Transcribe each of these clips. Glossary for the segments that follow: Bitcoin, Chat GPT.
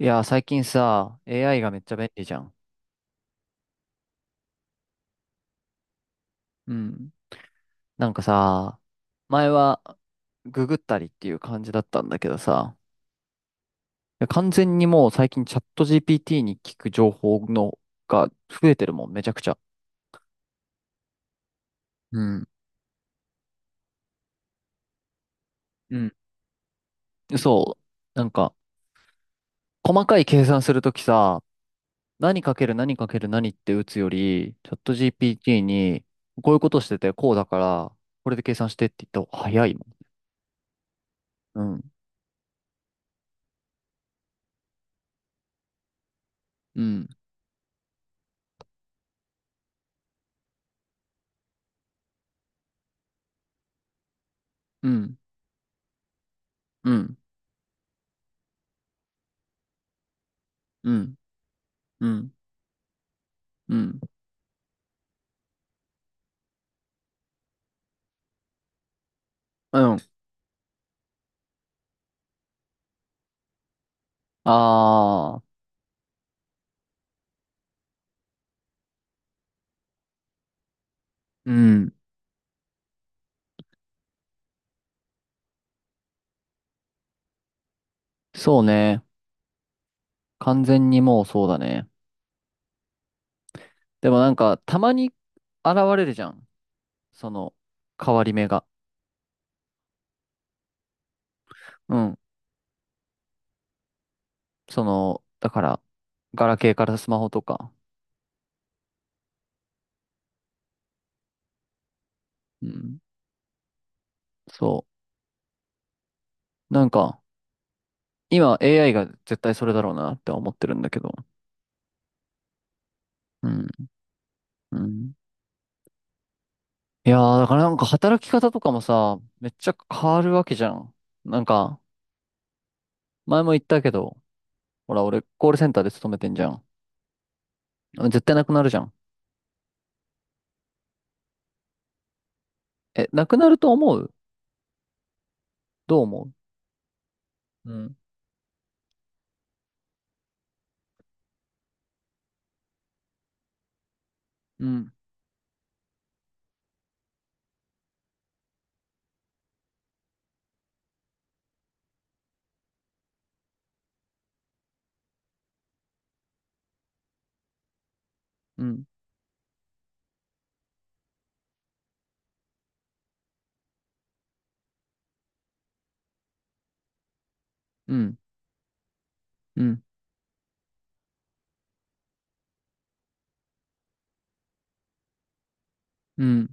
いや、最近さ、AI がめっちゃ便利じゃん。うん。なんかさ、前はググったりっていう感じだったんだけどさ、いや完全にもう最近チャット GPT に聞く情報のが増えてるもん、めちゃくちゃ。うん。うん。そう。なんか、細かい計算するときさ、何かける何かける何って打つより、チャット GPT に、こういうことしてて、こうだから、これで計算してって言った方が早いもん。うん。うん。うん。うん。うん。うん。うん。うん。ああ、うん。そうね。完全にもうそうだね。でもなんか、たまに現れるじゃん。その、変わり目が。うん。その、だから、ガラケーからスマホとか。うん。そう。なんか、今 AI が絶対それだろうなって思ってるんだけど。うん。うん。いやー、だからなんか働き方とかもさ、めっちゃ変わるわけじゃん。なんか、前も言ったけど、ほら、俺、コールセンターで勤めてんじゃん。絶対なくなるじゃん。え、なくなると思う？どう思うん？ううん、うん、うん、うん、うん、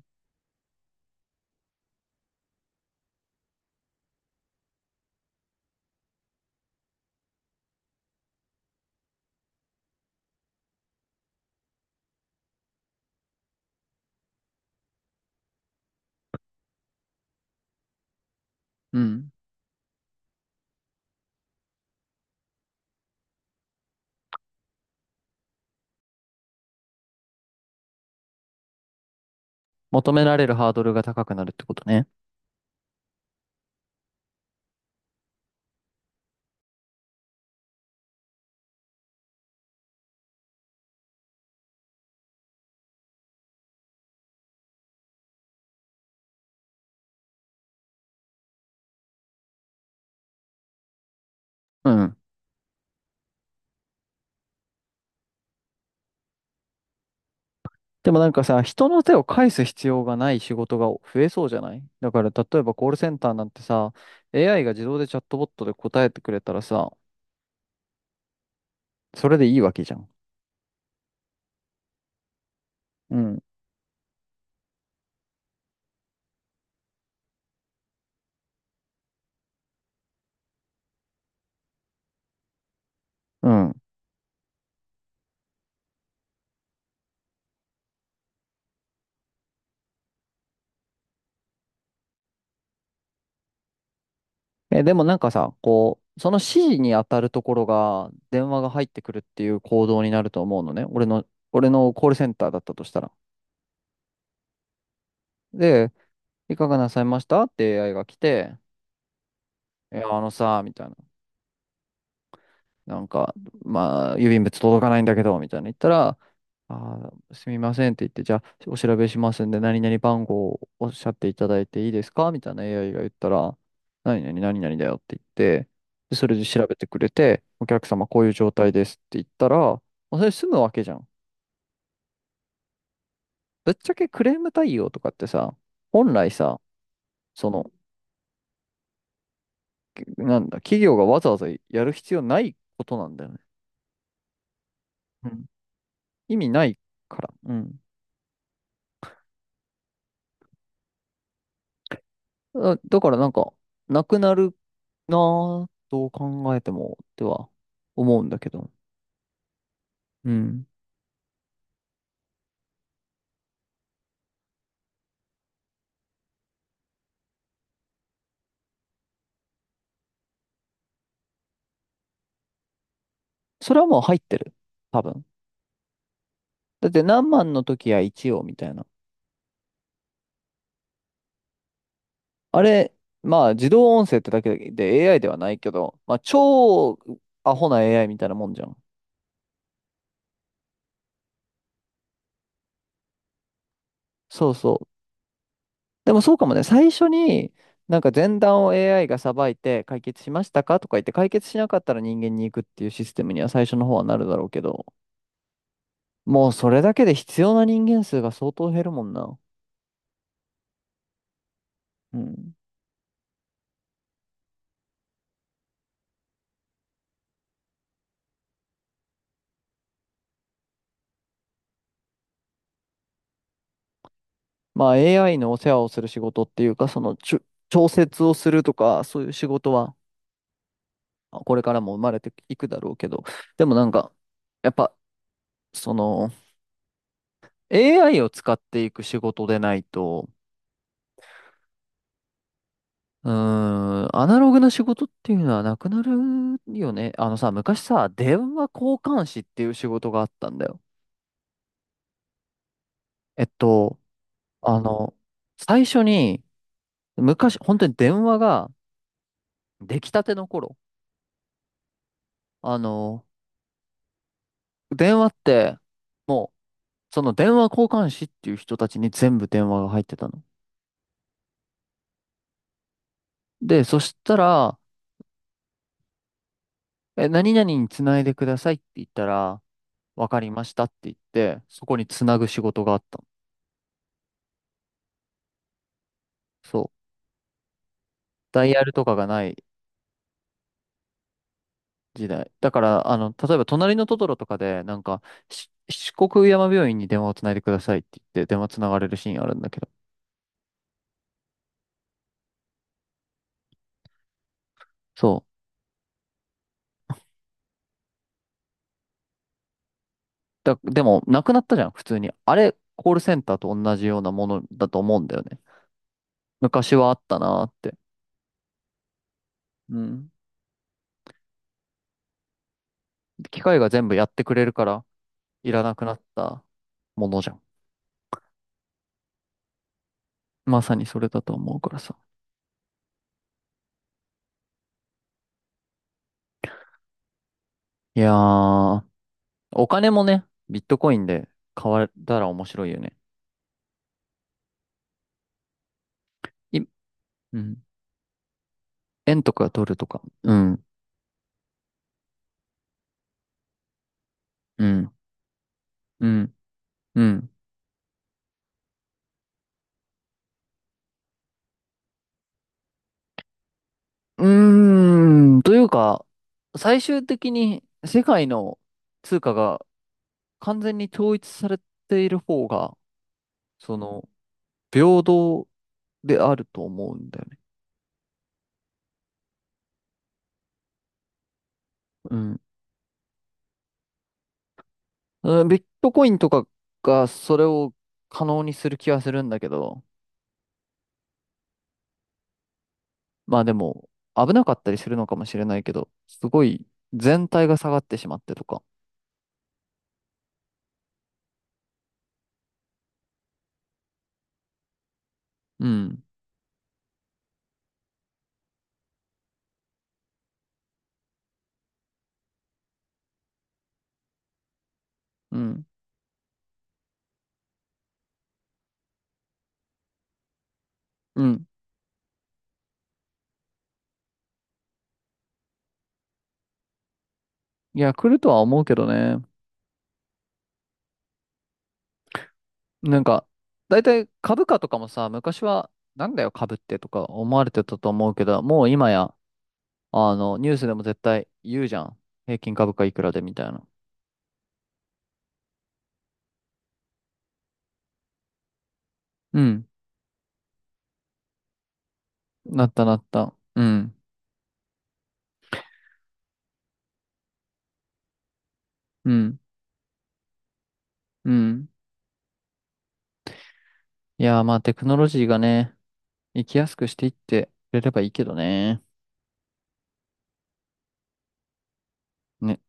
うん。求められるハードルが高くなるってことね。うん。でもなんかさ、人の手を介す必要がない仕事が増えそうじゃない。だから例えばコールセンターなんてさ、AI が自動でチャットボットで答えてくれたらさ、それでいいわけじゃん。うん。うん。え、でもなんかさ、こう、その指示に当たるところが電話が入ってくるっていう行動になると思うのね。俺のコールセンターだったとしたら。で、いかがなさいましたって AI が来て、いや、あのさ、みたいな。なんか、まあ、郵便物届かないんだけど、みたいな言ったら、あー、すみませんって言って、じゃあ、お調べしますんで、何々番号をおっしゃっていただいていいですかみたいな AI が言ったら、何々、何々だよって言って、で、それで調べてくれて、お客様、こういう状態ですって言ったら、もうそれ済むわけじゃん。ぶっちゃけクレーム対応とかってさ、本来さ、その、なんだ、企業がわざわざやる必要ないことなんだよね。うん、意味ないから。うん。だからなんか、なくなるなぁと考えても、っては思うんだけど。うん。それはもう入ってる。多分。だって何万の時は一応みたいな。あれ、まあ自動音声ってだけで AI ではないけど、まあ超アホな AI みたいなもんじゃん。そうそう。でもそうかもね。最初に、なんか前段を AI がさばいて解決しましたかとか言って解決しなかったら人間に行くっていうシステムには最初の方はなるだろうけど、もうそれだけで必要な人間数が相当減るもんな。うん。まあ AI のお世話をする仕事っていうか、その調節をするとか、そういう仕事はこれからも生まれていくだろうけど、でもなんか、やっぱ、その AI を使っていく仕事でないと、うーん、アナログな仕事っていうのはなくなるよね。あのさ、昔さ、電話交換士っていう仕事があったんだよ。えっと、あの、最初に、昔、本当に電話が、出来たての頃、あの、電話って、もう、その電話交換士っていう人たちに全部電話が入ってたの。で、そしたら、え、何々につないでくださいって言ったら、わかりましたって言って、そこにつなぐ仕事があったの。そう。ダイヤルとかがない時代。だから、例えば、隣のトトロとかで、なんか、四国山病院に電話をつないでくださいって言って、電話つながれるシーンあるんだけど。そう。でも、なくなったじゃん、普通に。あれ、コールセンターと同じようなものだと思うんだよね。昔はあったなーって。うん。機械が全部やってくれるから、いらなくなったものじゃん。まさにそれだと思うからさ。いやー、お金もね、ビットコインで買われたら面白いよね。い、うん。円とかドルとか。うん、うん、うん、うん。うーん、というか、最終的に世界の通貨が完全に統一されている方が、その、平等であると思うんだよね。うんうん。ビットコインとかがそれを可能にする気はするんだけど、まあでも、危なかったりするのかもしれないけど、すごい全体が下がってしまってとか。うん。うん。うん。いや、来るとは思うけどね。なんか、大体株価とかもさ、昔は、なんだよ株ってとか思われてたと思うけど、もう今や、ニュースでも絶対言うじゃん。平均株価いくらでみたいな。うん。なったなった。うん。うん。うん。いやー、まあテクノロジーがね、生きやすくしていってくれればいいけどね。ね